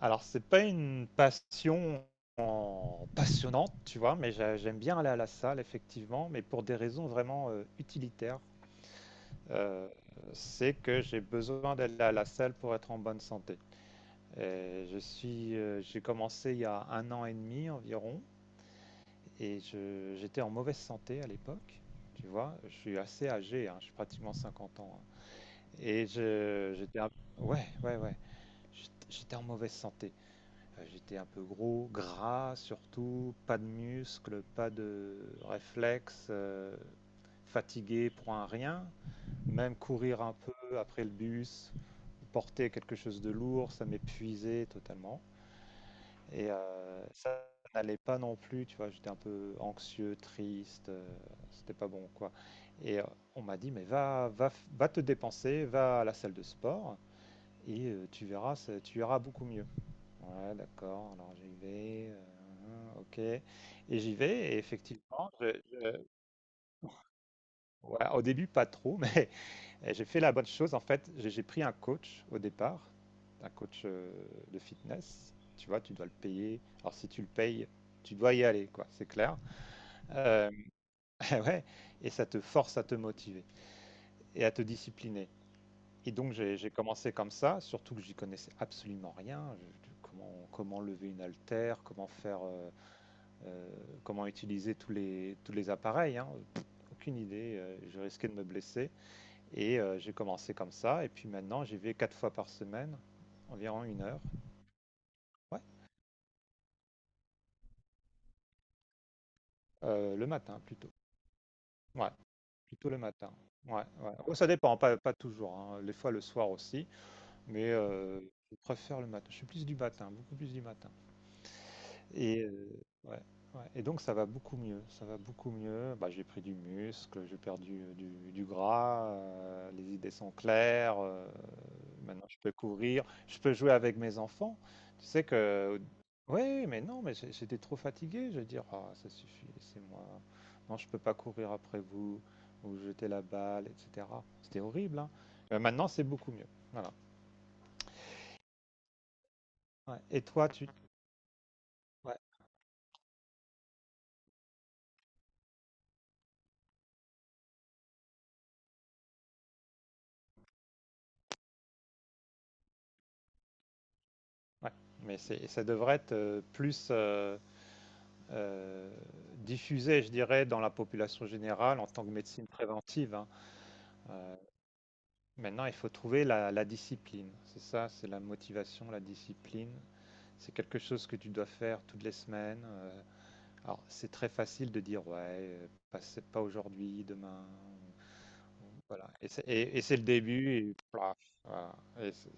Alors, c'est pas une passion passionnante, tu vois, mais j'aime bien aller à la salle, effectivement, mais pour des raisons vraiment utilitaires. Euh, c'est que j'ai besoin d'aller à la salle pour être en bonne santé. Et j'ai commencé il y a un an et demi environ, et j'étais en mauvaise santé à l'époque. Tu vois, je suis assez âgé, hein, je suis pratiquement 50 ans, hein. Et ouais, ouais, ouais. J'étais en mauvaise santé. Enfin, j'étais un peu gros, gras surtout, pas de muscles, pas de réflexes, fatigué pour un rien. Même courir un peu après le bus, porter quelque chose de lourd, ça m'épuisait totalement. Et ça n'allait pas non plus, tu vois, j'étais un peu anxieux, triste, c'était pas bon quoi. Et on m'a dit, mais va, va, va te dépenser, va à la salle de sport et tu verras, tu iras beaucoup mieux. Ouais, d'accord. Alors j'y vais, ok. Et j'y vais. Et effectivement, ouais, au début, pas trop, mais j'ai fait la bonne chose. En fait, j'ai pris un coach au départ, un coach de fitness. Tu vois, tu dois le payer. Alors si tu le payes, tu dois y aller, quoi. C'est clair. Euh, ouais. Et ça te force à te motiver et à te discipliner. Et donc j'ai commencé comme ça, surtout que j'y connaissais absolument rien. Comment lever une haltère, comment faire. Euh, comment utiliser tous les appareils, hein, pff, aucune idée, je risquais de me blesser. Et j'ai commencé comme ça, et puis maintenant j'y vais 4 fois par semaine, environ une heure. Ouais. Le matin plutôt. Ouais, plutôt le matin. Ouais, ouais. Oh, ça dépend, pas, pas toujours, hein. Des fois le soir aussi, mais je préfère le matin. Je suis plus du matin, beaucoup plus du matin. Et, ouais, ouais, et donc ça va beaucoup mieux, ça va beaucoup mieux. Bah, j'ai pris du muscle, j'ai perdu, du gras, les idées sont claires, maintenant je peux courir, je peux jouer avec mes enfants. Tu sais que oui mais non, mais j'étais trop fatigué, je veux dire: «Ah ça suffit, c'est moi non je peux pas courir après vous, ou jeter la balle» et cetera. C'était horrible, hein. Maintenant c'est beaucoup mieux, voilà. Ouais, et toi tu ouais, ouais, mais c'est ça devrait être, plus, euh, diffusée, je dirais, dans la population générale en tant que médecine préventive, hein. Euh, maintenant, il faut trouver la discipline. C'est ça, c'est la motivation, la discipline. C'est quelque chose que tu dois faire toutes les semaines. Alors, c'est très facile de dire, ouais, pas, c'est pas aujourd'hui, demain. Voilà. Et c'est le début. Et, plaf, voilà. Et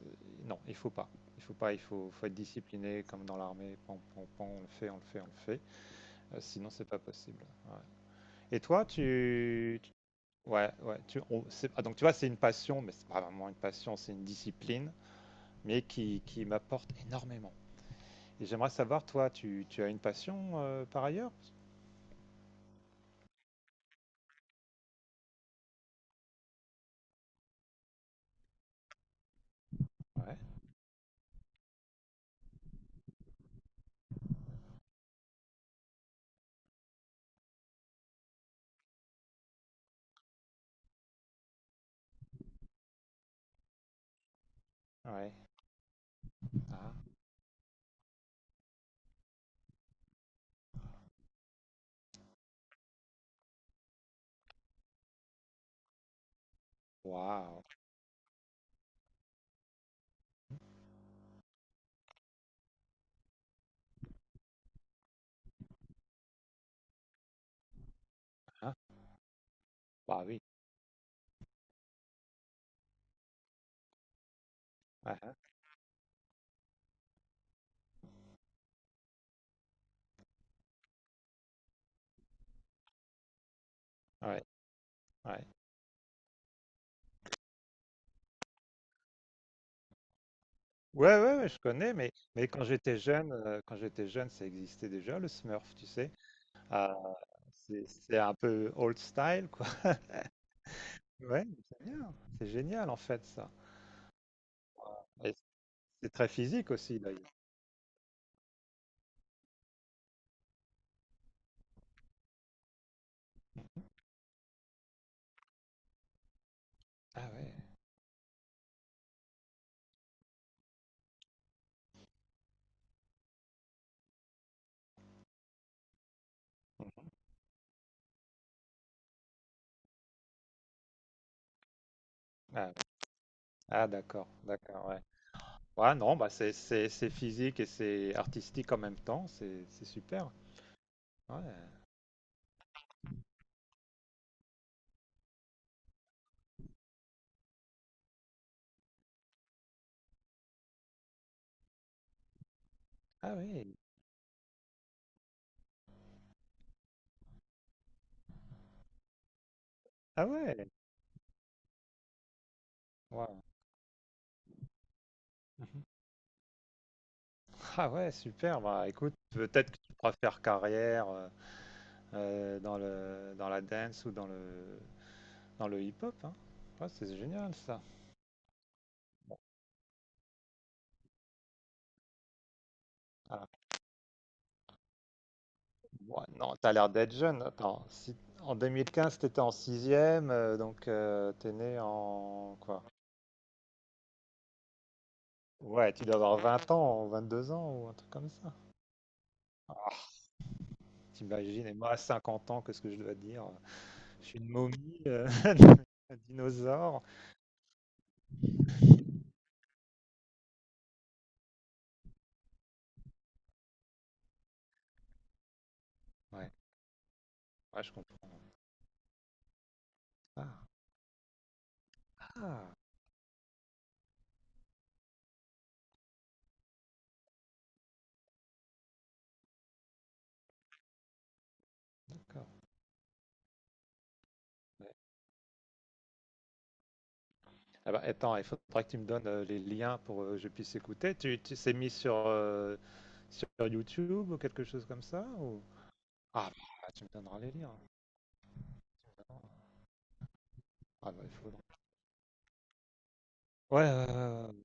non, il faut pas. Il faut pas. Il faut être discipliné, comme dans l'armée. Pan, pan, pan, on le fait, on le fait, on le fait. Sinon, c'est pas possible. Ouais. Et toi, ouais, ouais, ah, donc tu vois, c'est une passion, mais c'est pas vraiment une passion, c'est une discipline, mais qui m'apporte énormément. Et j'aimerais savoir, toi, tu as une passion par ailleurs? Ouais, ouais. Ah, waouh. Hein. Bah oui. Ouais, hein, ouais, ouais. Ouais, ouais, ouais, je connais, mais, quand j'étais jeune, ça existait déjà, le Smurf, tu sais. Ah, c'est un peu old style, quoi. Ouais, mais c'est bien. C'est génial, en fait, ça. Et c'est très physique aussi, d'ailleurs. Ah ouais. Ah, ah, d'accord, d'accord, ouais. Ouais, non, bah c'est physique et c'est artistique en même temps, c'est super. Ouais. Ah oui, ah ouais, ouais. Mhm. Ah ouais, super. Bah écoute, peut-être que tu pourras faire carrière dans le dans la dance ou dans le hip-hop, hein. Ouais, c'est génial ça. Bon, ah, ouais, non, t'as l'air d'être jeune. Attends, si en 2015 t'étais en sixième, donc t'es né en quoi? Ouais, tu dois avoir 20 ans, ou 2 ans ou un truc comme ça. Ah, t'imagines, et moi à 50 ans, qu'est-ce que je dois dire? Je suis une momie, un dinosaure. Ouais, ouais, je comprends. Ah, ah, d'accord. Ouais. Ah bah, attends, il faudra que tu me donnes les liens pour que je puisse écouter. Tu c'est mis sur YouTube ou quelque chose comme ça ou... Ah, bah, tu me donneras les liens. Ah, bah, il faudra. Ouais, ouais, ouais, ouais.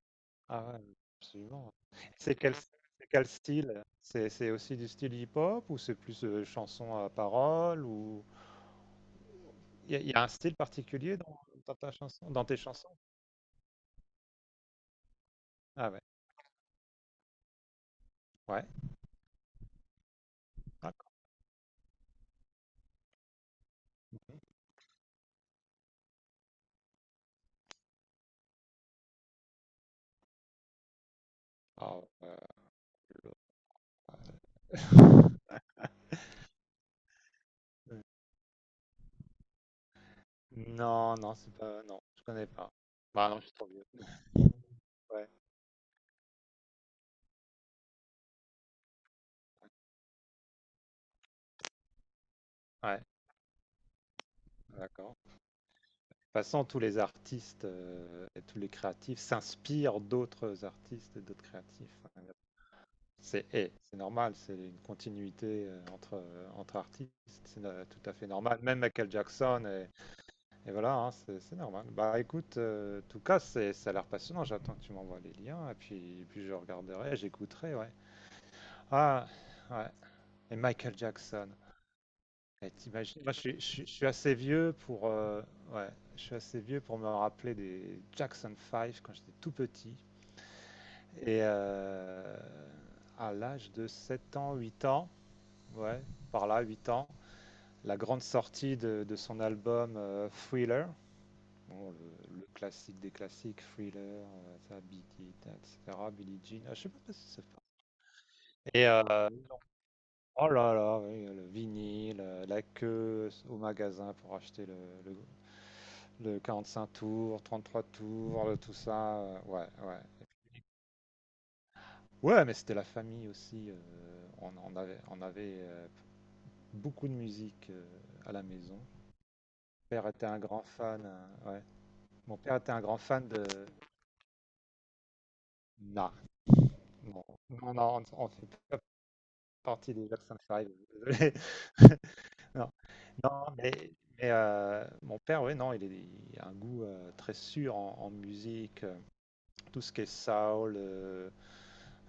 Ah ouais, absolument. C'est quel style? C'est aussi du style hip-hop ou c'est plus chanson à parole ou il y a un style particulier dans, ta chanson, dans tes chansons? Ah ouais, ouais. Ah, Ah, euh, le- euh, non, non, c'est pas, non, je connais pas. Bah non, je suis trop vieux. Ouais, ouais, d'accord. De toute façon, tous les artistes et tous les créatifs s'inspirent d'autres artistes et d'autres créatifs. C'est normal, c'est une continuité entre artistes, c'est no- tout à fait normal. Même Michael Jackson, et voilà, hein, c'est normal. Bah écoute, en tout cas, ça a l'air passionnant. J'attends que tu m'envoies les liens, et puis je regarderai, j'écouterai, ouais. Ah, ouais. Et Michael Jackson. Et t'imagines, moi je suis assez vieux pour, ouais, je suis assez vieux pour me rappeler des Jackson 5 quand j'étais tout petit. Et à l'âge de 7 ans, 8 ans, ouais, par là, 8 ans. La grande sortie de son album Thriller. Bon, le classique des classiques, Thriller, ça, Beat It, etc. Billie Jean. Ah, je sais pas si c'est pas. Et oh là là, oui, le vinyle, la queue au magasin pour acheter le, le- 5 tours, 33 tours, tout ça, ouais, ouais. Ouais, mais c'était la famille aussi. On avait, beaucoup de musique à la maison. Mon père était un grand fan, hein, ouais. Mon père était un grand fan de. Non, non, non, non, on fait pas partie des Jackson 5, désolé. Non, non, mon père, oui, non, il a un goût très sûr en, musique. Tout ce qui est soul,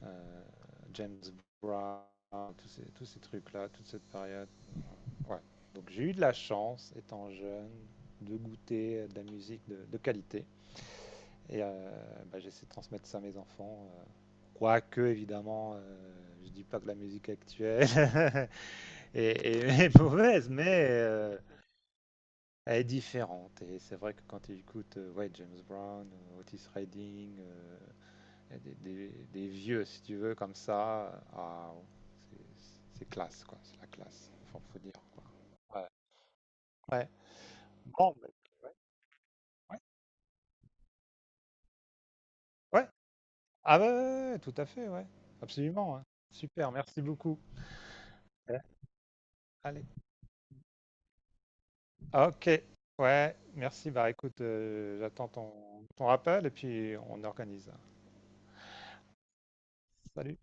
euh, James Brown, tous ces trucs-là, toute cette période. Ouais. Donc j'ai eu de la chance, étant jeune, de goûter à de la musique de qualité. Et bah, j'essaie de transmettre ça à mes enfants. Quoique, évidemment, je dis pas que la musique actuelle est mauvaise, mais elle est différente. Et c'est vrai que quand tu écoutes ouais, James Brown, Otis Redding, et des, vieux, si tu veux, comme ça, ah, c'est c'est classe, quoi. C'est la classe, faut dire, quoi. Ouais. Ouais. Bon, ouais. Ouais. Ah ouais, ouais, ouais, tout à fait, ouais. Absolument, hein. Super, merci beaucoup. Ouais. Allez. Ok, ouais, merci. Bah écoute, j'attends ton rappel et puis on organise. Salut.